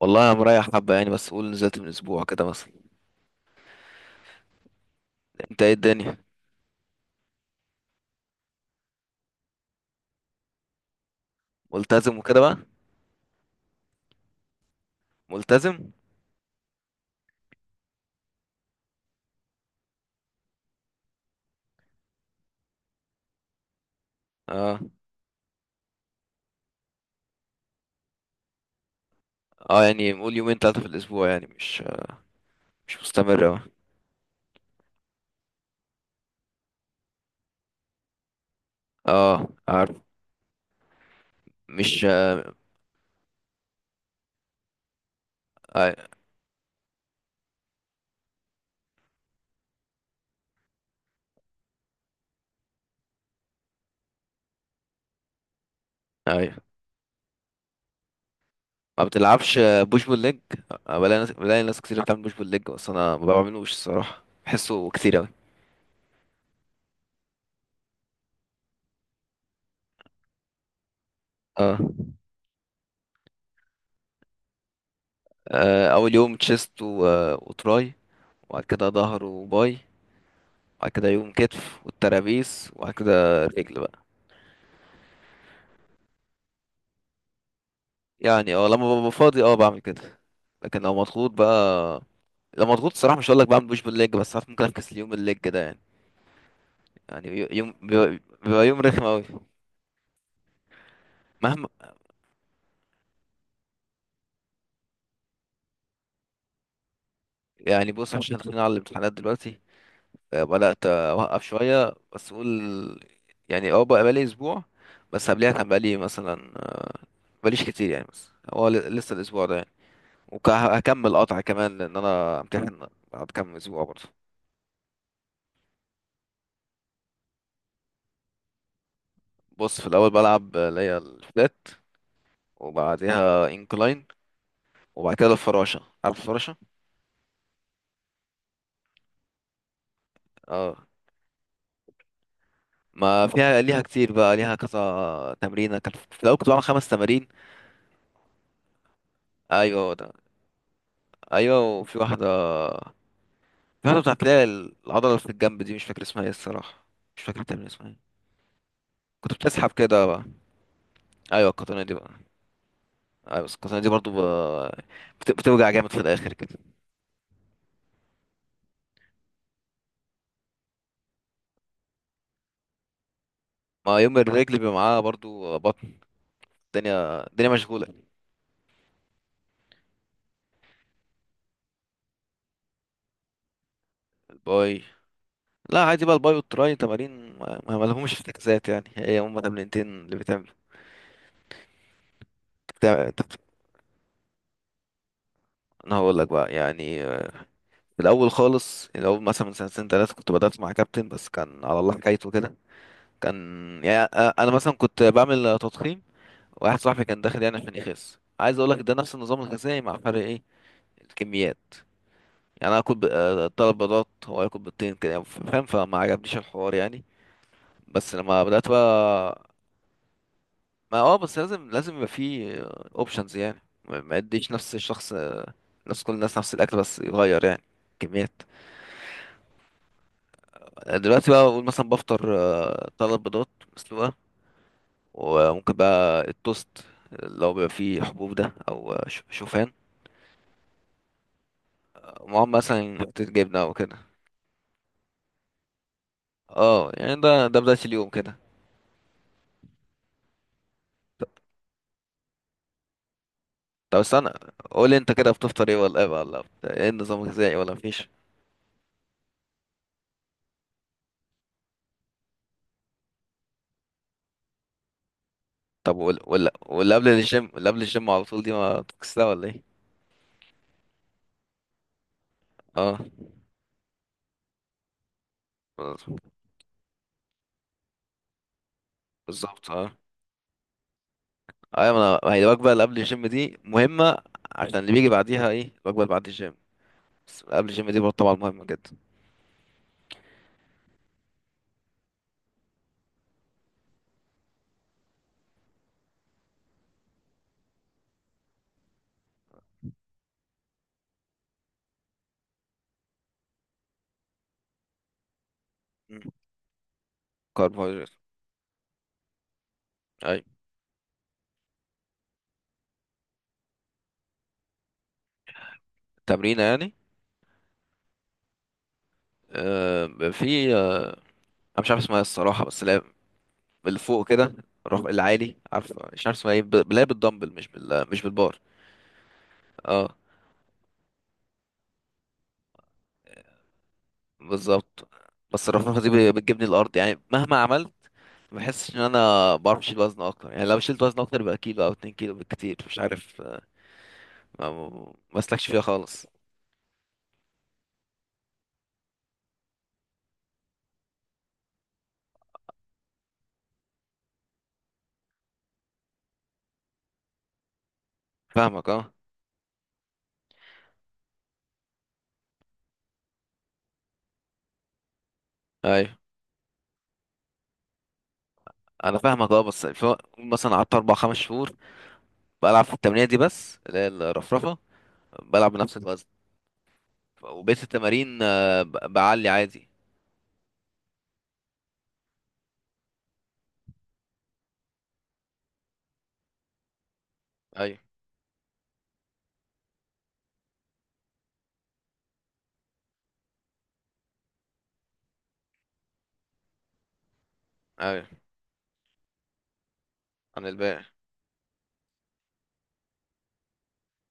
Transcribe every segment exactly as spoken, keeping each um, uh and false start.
والله، انا مريح حبه يعني، بس قول نزلت من اسبوع كده مثلا. انت ايه الدنيا؟ ملتزم وكده بقى. ملتزم. اه، اه، يعني قول يومين ثلاثه في الاسبوع، يعني مش آه، مش مستمر أوي. اه، عارف. مش آه، اي، اي. ما بتلعبش بوش بول ليج؟ آه، بلاقي ناس بلاقي ناس كتير بتعمل بوش بول ليج، بس انا ما بعملوش الصراحه، بحسه كتير اوي. اه. آه، اول يوم تشيست و... آه، وتراي، وبعد كده ظهر وباي، وبعد كده يوم كتف والترابيس، وبعد كده رجل بقى. يعني اه لما ببقى فاضي اه بعمل كده. لكن لو مضغوط بقى، لو مضغوط الصراحة مش هقول لك بعمل بوش بالليج، بس ساعات ممكن افكس اليوم الليج ده يعني. يعني يو- يوم بيبقى بيبقى يوم رخم قوي. مهما... يعني بص، عشان داخلين على الامتحانات دلوقتي، آه، بدأت اوقف شوية، بس اقول يعني اه بقى بقالي اسبوع. بس قبلها كان بقالي مثلا آه، بقاليش كتير يعني، بس هو ل- لسه الاسبوع ده يعني. وهكمل قطع كمان، لان انا امتحن بعد كام اسبوع برضه. بص، في الاول بلعب اللي هي الفلات، وبعديها انكلاين، وبعد كده الفراشة، عارف الفراشة. اه، ما فيها ليها كتير بقى، ليها كذا تمرينة، كان في الأول كنت بعمل خمس تمارين. أيوة، هو ده. أيوة، وفي واحدة. في واحدة بتاعت ليها العضلة اللي في الجنب دي، مش فاكر اسمها ايه الصراحة. مش فاكر التمرين اسمها ايه. كنت بتسحب كده بقى. أيوة، القطنية دي بقى. أيوة، بس القطنية دي برضو ب... بت... بتوجع جامد في الآخر كده. ما يوم الرجل بيبقى معاها برضو بطن. الدنيا الدنيا مشغولة. الباي. لا، عادي بقى، الباي والتراي تمارين ما ما لهمش في تكزات، يعني هي هما تمرينتين اللي بتعمل. بتاع- طب انا هقول لك بقى يعني آه، في الاول خالص، الاول مثلا من سنتين ثلاثه كنت بدات مع كابتن، بس كان على الله حكايته كده. كان، يعني آه، انا مثلا كنت بعمل آه، تضخيم. واحد صاحبي كان داخل يعني عشان يخس، عايز اقول لك ده نفس النظام الغذائي، مع فرق ايه؟ الكميات. يعني انا اكل ب- آه، تلات بيضات، هو ياكل بيضتين، كده فاهم؟ فما عجبنيش الحوار يعني. بس لما بدات بقى، ما اه بس لازم لازم يبقى فيه اوبشنز يعني، ما ما يديش نفس الشخص، نفس كل الناس نفس الاكل، بس يغير يعني كميات. دلوقتي بقى اقول، مثلا بفطر آه، تلات بيضات مسلوقه، وممكن بقى التوست اللي هو بيبقى فيه حبوب ده، او آه، ش- شوفان، آه، معاهم مثلا حتة جبنه او كده. اه، يعني ده ده بدايه اليوم كده. طب استنى، قول انت كده بتفطر ايه ولا ايه بقى؟ ولا بت- ايه النظام الغذائي ولا مفيش؟ طب ولا ولا ولا قبل الجيم ولا قبل الجيم على طول، دي ما بتكسلها ولا ايه؟ اه، بالظبط اه. ايوه، ما انا، ما هي الوجبه اللي قبل الجيم دي مهمه، عشان اللي بيجي بعديها ايه الوجبه اللي بعد الجيم. بس قبل الجيم دي برضه طبعا مهمه جدا. مم. كربوهيدرات. اي. تمرينه يعني. آه في آه، انا مش عارف اسمها إيه الصراحه، بس اللي هي اللي فوق كده، الرف- العالي، عارف؟ مش عارف اسمها ايه، ب- اللي هي بالدمبل، مش بال مش بالبار. اه، بالظبط. بس الرفرفه دي ب- بتجيبني الارض يعني مهما عملت، ما بحسش ان انا بعرف اشيل وزن اكتر، يعني لو شلت وزن اكتر يبقى كيلو او اتنين كيلو بالكتير، مش عارف. ما مسلكش فيها خالص. فاهمك اه. ايوه، انا فاهمك اه، بس في- وق- مثلا قعدت اربع خمس شهور بلعب في التمرينه دي بس، اللي هي الرفرفه، بلعب بنفس الوزن. وبقيت التمارين آه، ب- بعلي عادي. ايوه، ايوه. عن الباقي.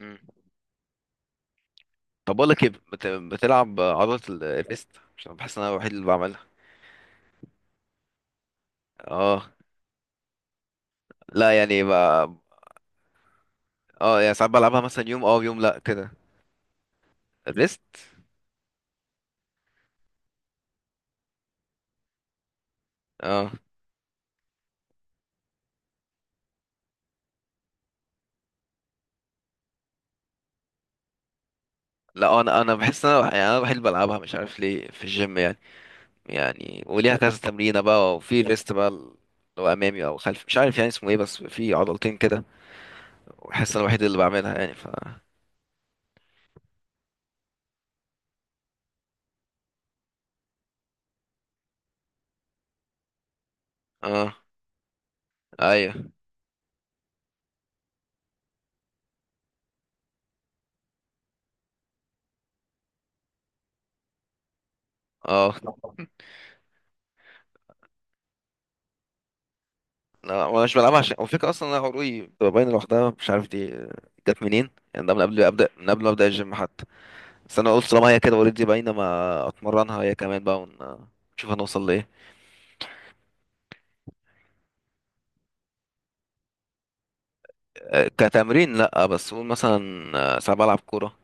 مم. طب بقول لك ايه، بت... بتلعب عضله ال- الريست؟ عشان بحس ان انا الوحيد اللي بعملها. اه. لا، يعني ب... اه، يعني ساعات بلعبها، مثلا يوم اه ويوم لا كده. الريست. اه، لا، انا انا بحس ان انا يعني انا الوحيد اللي بلعبها، مش عارف ليه في الجيم يعني. يعني وليها كذا تمرينة بقى، وفي ليست بقى اللي هو أمامي أو خلفي، مش عارف يعني اسمه إيه، بس في عضلتين كده، وبحس أنا الوحيد اللي بعملها يعني، ف... آه. أيوه. آه. لا، وأنا مش بلعبها، عشان وفكرة أصلا أنا عروقي بتبقى باينة لوحدها، مش عارف دي جت منين يعني، ده من قبل أبدأ من قبل ما أبدأ الجيم حتى. بس أنا قلت، طالما هي كده أوريدي باينة، ما أتمرنها هي كمان بقى، ون... نشوف هنوصل لإيه. آه، كتمرين لأ، بس قول مثلا آه، ساعات بلعب كورة،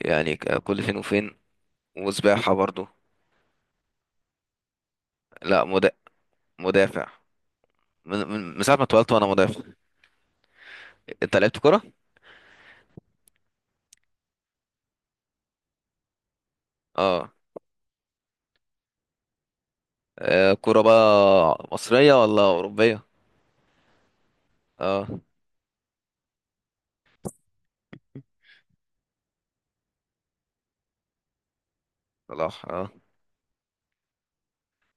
يعني ك- كل فين وفين، وسباحة برضو. لأ، مدا- مدافع. من من من ساعة ما اتولدت وانا مدافع. انت لعبت كرة؟ اه. آه، كرة بقى مصرية ولا أوروبية؟ اه. صلاح اه.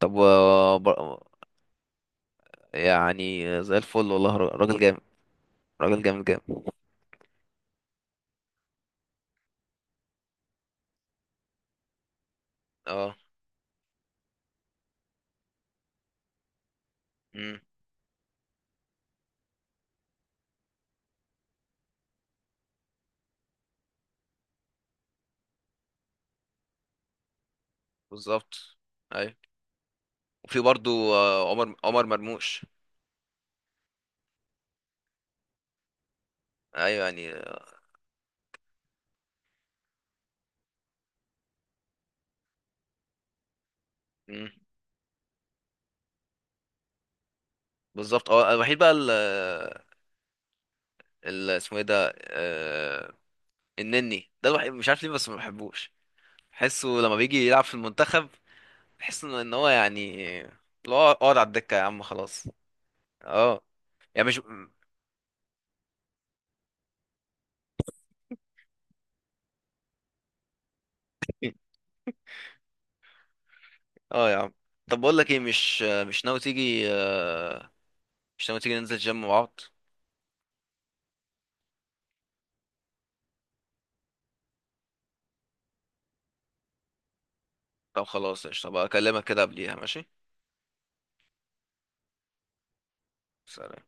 طب و- بر- يعني زي الفل، والله را- راجل جامد، راجل جامد جامد. اه. امم. بالظبط. ايوه، وفي برضو آه، عمر عمر مرموش. ايوه يعني. امم. بالظبط اه. الوحيد بقى ال... ال- اسمه ايه ده آه، النني ده الوحيد، مش عارف ليه بس ما بحبوش، بحسه لما بيجي يلعب في المنتخب، بحس ان إن هو يعني، اللي هو، اقعد على الدكة يا عم خلاص. اه. يعني مش. اه يا عم. طب بقول لك ايه، مش مش ناوي تيجي آه، مش ناوي تيجي ننزل جيم مع بعض؟ طب خلاص، قشطة بقى، اكلمك كده قبليها ماشي. سلام.